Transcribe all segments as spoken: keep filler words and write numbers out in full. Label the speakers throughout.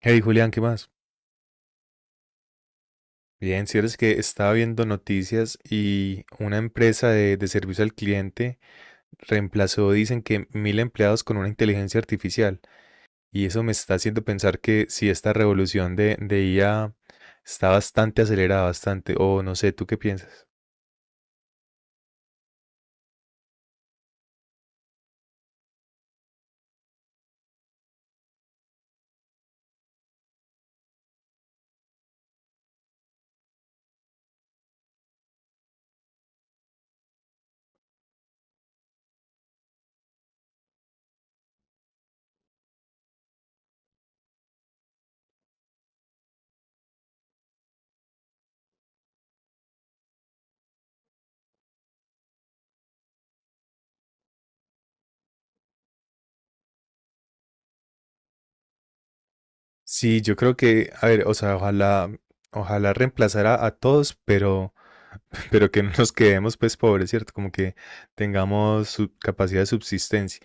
Speaker 1: Hey Julián, ¿qué más? Bien, si eres que estaba viendo noticias y una empresa de, de servicio al cliente reemplazó, dicen que mil empleados con una inteligencia artificial. Y eso me está haciendo pensar que si esta revolución de, de I A está bastante acelerada, bastante, o no sé, ¿tú qué piensas? Sí, yo creo que, a ver, o sea, ojalá, ojalá reemplazara a todos, pero, pero que no nos quedemos pues pobres, ¿cierto? Como que tengamos su capacidad de subsistencia.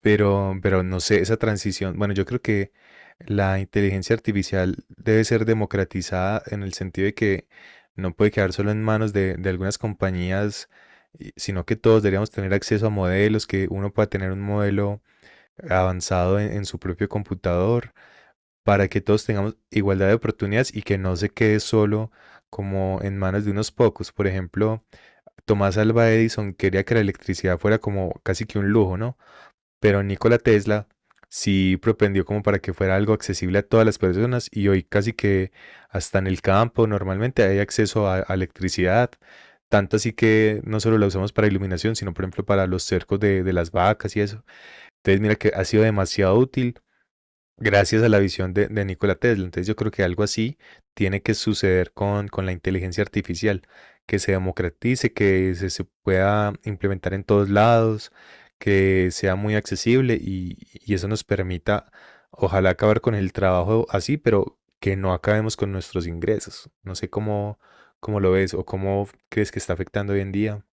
Speaker 1: Pero, pero no sé, esa transición, bueno, yo creo que la inteligencia artificial debe ser democratizada en el sentido de que no puede quedar solo en manos de, de algunas compañías, y- sino que todos deberíamos tener acceso a modelos, que uno pueda tener un modelo avanzado en, en su propio computador, para que todos tengamos igualdad de oportunidades y que no se quede solo como en manos de unos pocos. Por ejemplo, Tomás Alva Edison quería que la electricidad fuera como casi que un lujo, ¿no? Pero Nikola Tesla sí propendió como para que fuera algo accesible a todas las personas y hoy casi que hasta en el campo normalmente hay acceso a, a electricidad. Tanto así que no solo la usamos para iluminación, sino por ejemplo para los cercos de, de las vacas y eso. Entonces mira que ha sido demasiado útil gracias a la visión de, de Nikola Tesla. Entonces yo creo que algo así tiene que suceder con, con la inteligencia artificial, que se democratice, que se, se pueda implementar en todos lados, que sea muy accesible y, y eso nos permita, ojalá acabar con el trabajo así, pero que no acabemos con nuestros ingresos. No sé cómo, cómo lo ves o cómo crees que está afectando hoy en día.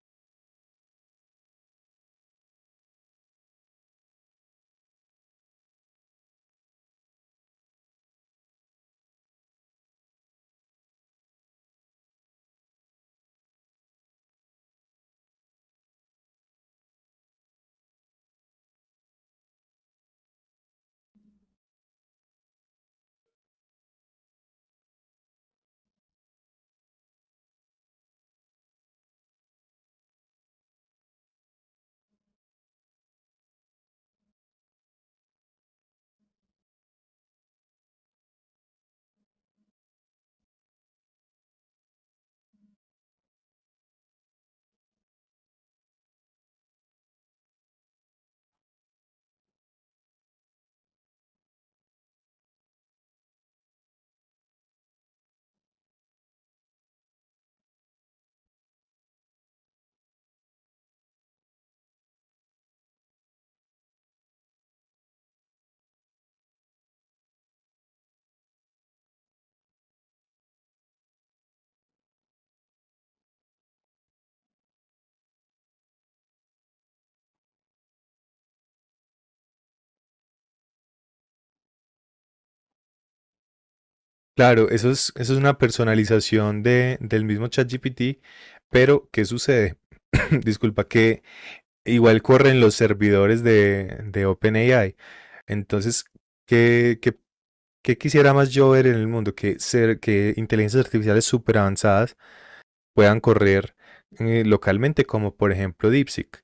Speaker 1: Claro, eso es, eso es una personalización de, del mismo ChatGPT, pero ¿qué sucede? Disculpa, que igual corren los servidores de, de OpenAI. Entonces, ¿qué, qué, qué quisiera más yo ver en el mundo? Que, ser, que inteligencias artificiales súper avanzadas puedan correr eh, localmente, como por ejemplo DeepSeek.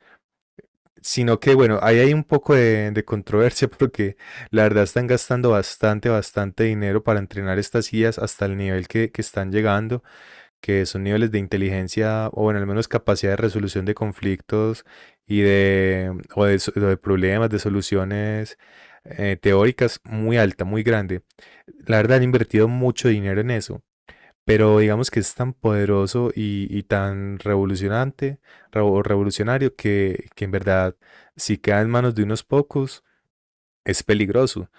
Speaker 1: Sino que bueno, ahí hay un poco de, de controversia porque la verdad están gastando bastante, bastante dinero para entrenar estas guías hasta el nivel que, que están llegando, que son niveles de inteligencia o bueno, al menos capacidad de resolución de conflictos y de, o de, so- de problemas, de soluciones eh, teóricas muy alta, muy grande. La verdad han invertido mucho dinero en eso pero digamos que es tan poderoso y, y tan revolucionante, revo- o revolucionario, que, que en verdad, si queda en manos de unos pocos, es peligroso.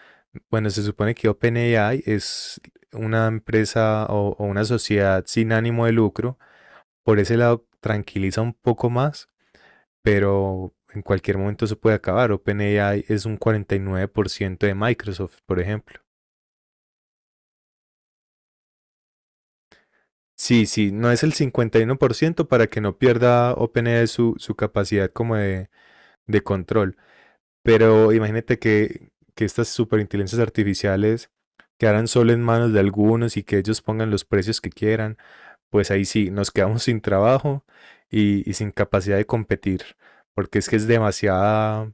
Speaker 1: Bueno, se supone que OpenAI es una empresa o, o una sociedad sin ánimo de lucro. Por ese lado, tranquiliza un poco más, pero en cualquier momento se puede acabar. OpenAI es un cuarenta y nueve por ciento de Microsoft, por ejemplo. Sí, sí, no es el cincuenta y uno por ciento para que no pierda OpenAI su, su capacidad como de, de control. Pero imagínate que, que estas superinteligencias artificiales quedaran solo en manos de algunos y que ellos pongan los precios que quieran, pues ahí sí, nos quedamos sin trabajo y, y sin capacidad de competir, porque es que es demasiada,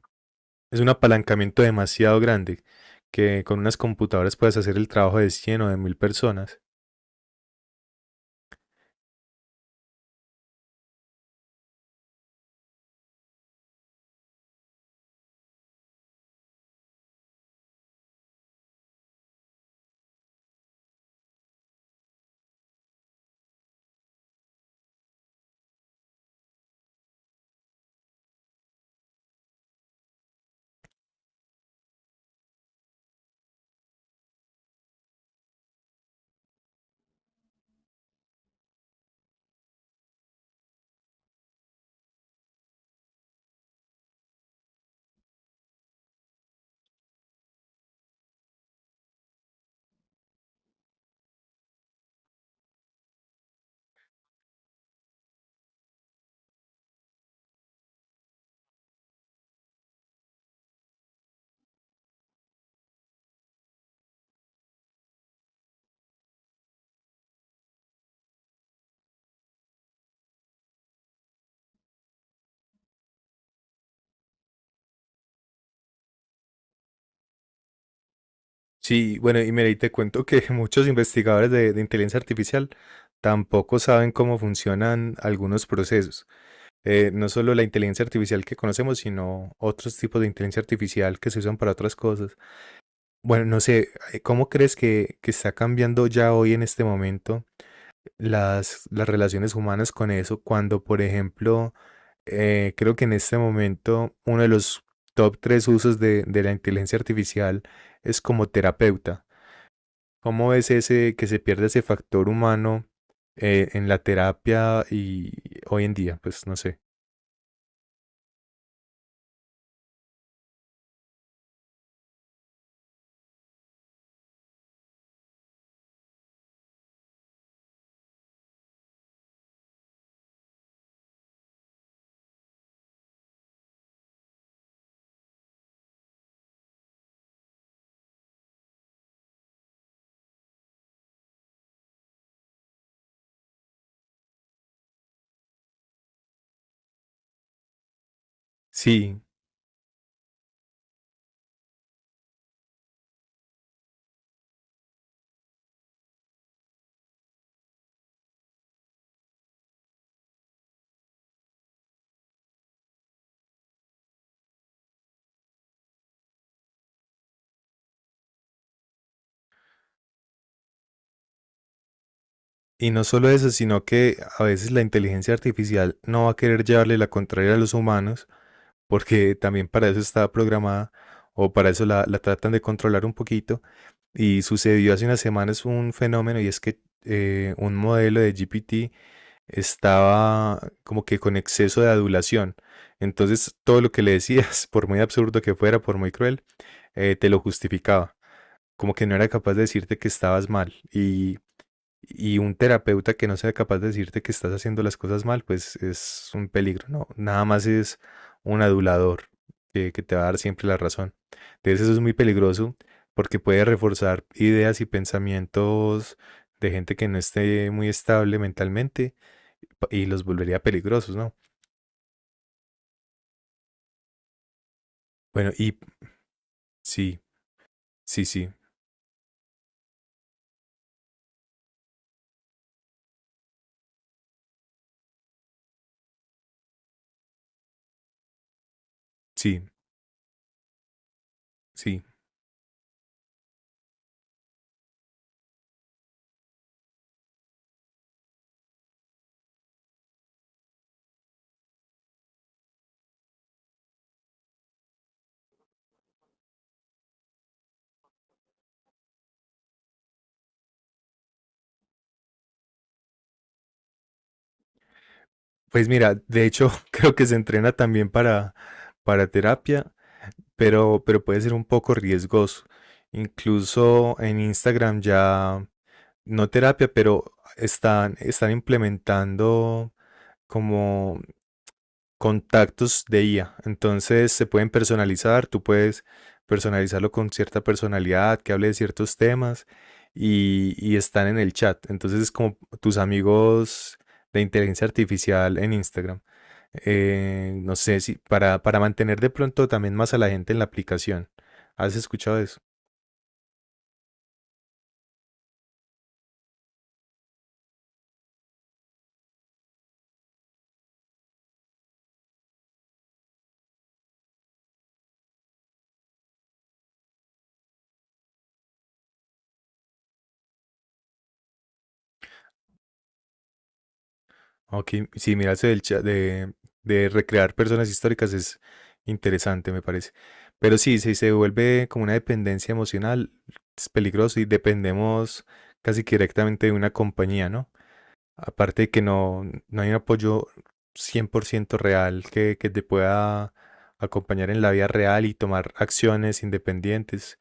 Speaker 1: es un apalancamiento demasiado grande, que con unas computadoras puedes hacer el trabajo de cien o de mil personas. Sí, bueno, y mira, y te cuento que muchos investigadores de, de inteligencia artificial tampoco saben cómo funcionan algunos procesos. Eh, no solo la inteligencia artificial que conocemos, sino otros tipos de inteligencia artificial que se usan para otras cosas. Bueno, no sé, eh, ¿cómo crees que, que está cambiando ya hoy en este momento las, las relaciones humanas con eso? Cuando, por ejemplo, eh, creo que en este momento uno de los top tres usos de de la inteligencia artificial es como terapeuta. ¿Cómo es ese que se pierde ese factor humano eh, en la terapia y hoy en día? Pues no sé. Sí, y no solo eso, sino que a veces la inteligencia artificial no va a querer llevarle la contraria a los humanos, porque también para eso está programada o para eso la, la tratan de controlar un poquito. Y sucedió hace unas semanas un fenómeno y es que eh, un modelo de G P T estaba como que con exceso de adulación. Entonces, todo lo que le decías, por muy absurdo que fuera, por muy cruel, eh, te lo justificaba. Como que no era capaz de decirte que estabas mal. Y, y un terapeuta que no sea capaz de decirte que estás haciendo las cosas mal, pues es un peligro, ¿no? Nada más es un adulador que, que te va a dar siempre la razón. Entonces, eso es muy peligroso porque puede reforzar ideas y pensamientos de gente que no esté muy estable mentalmente y los volvería peligrosos, ¿no? Bueno, y sí, sí, sí, sí, sí. Pues mira, de hecho creo que se entrena también para, para terapia, pero, pero puede ser un poco riesgoso. Incluso en Instagram ya, no terapia, pero están, están implementando como contactos de I A. Entonces se pueden personalizar, tú puedes personalizarlo con cierta personalidad, que hable de ciertos temas y, y están en el chat. Entonces es como tus amigos de inteligencia artificial en Instagram. Eh, no sé si para, para mantener de pronto también más a la gente en la aplicación. ¿Has escuchado eso? Ok, sí, mira, ese del chat de, de recrear personas históricas es interesante, me parece. Pero sí, si se vuelve como una dependencia emocional, es peligroso y dependemos casi que directamente de una compañía, ¿no? Aparte de que no, no hay un apoyo cien por ciento real que, que te pueda acompañar en la vida real y tomar acciones independientes.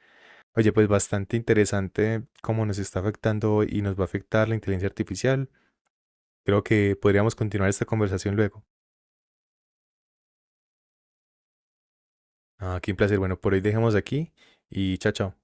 Speaker 1: Oye, pues bastante interesante cómo nos está afectando y nos va a afectar la inteligencia artificial. Creo que podríamos continuar esta conversación luego. Ah, qué un placer. Bueno, por hoy dejemos aquí y chao, chao.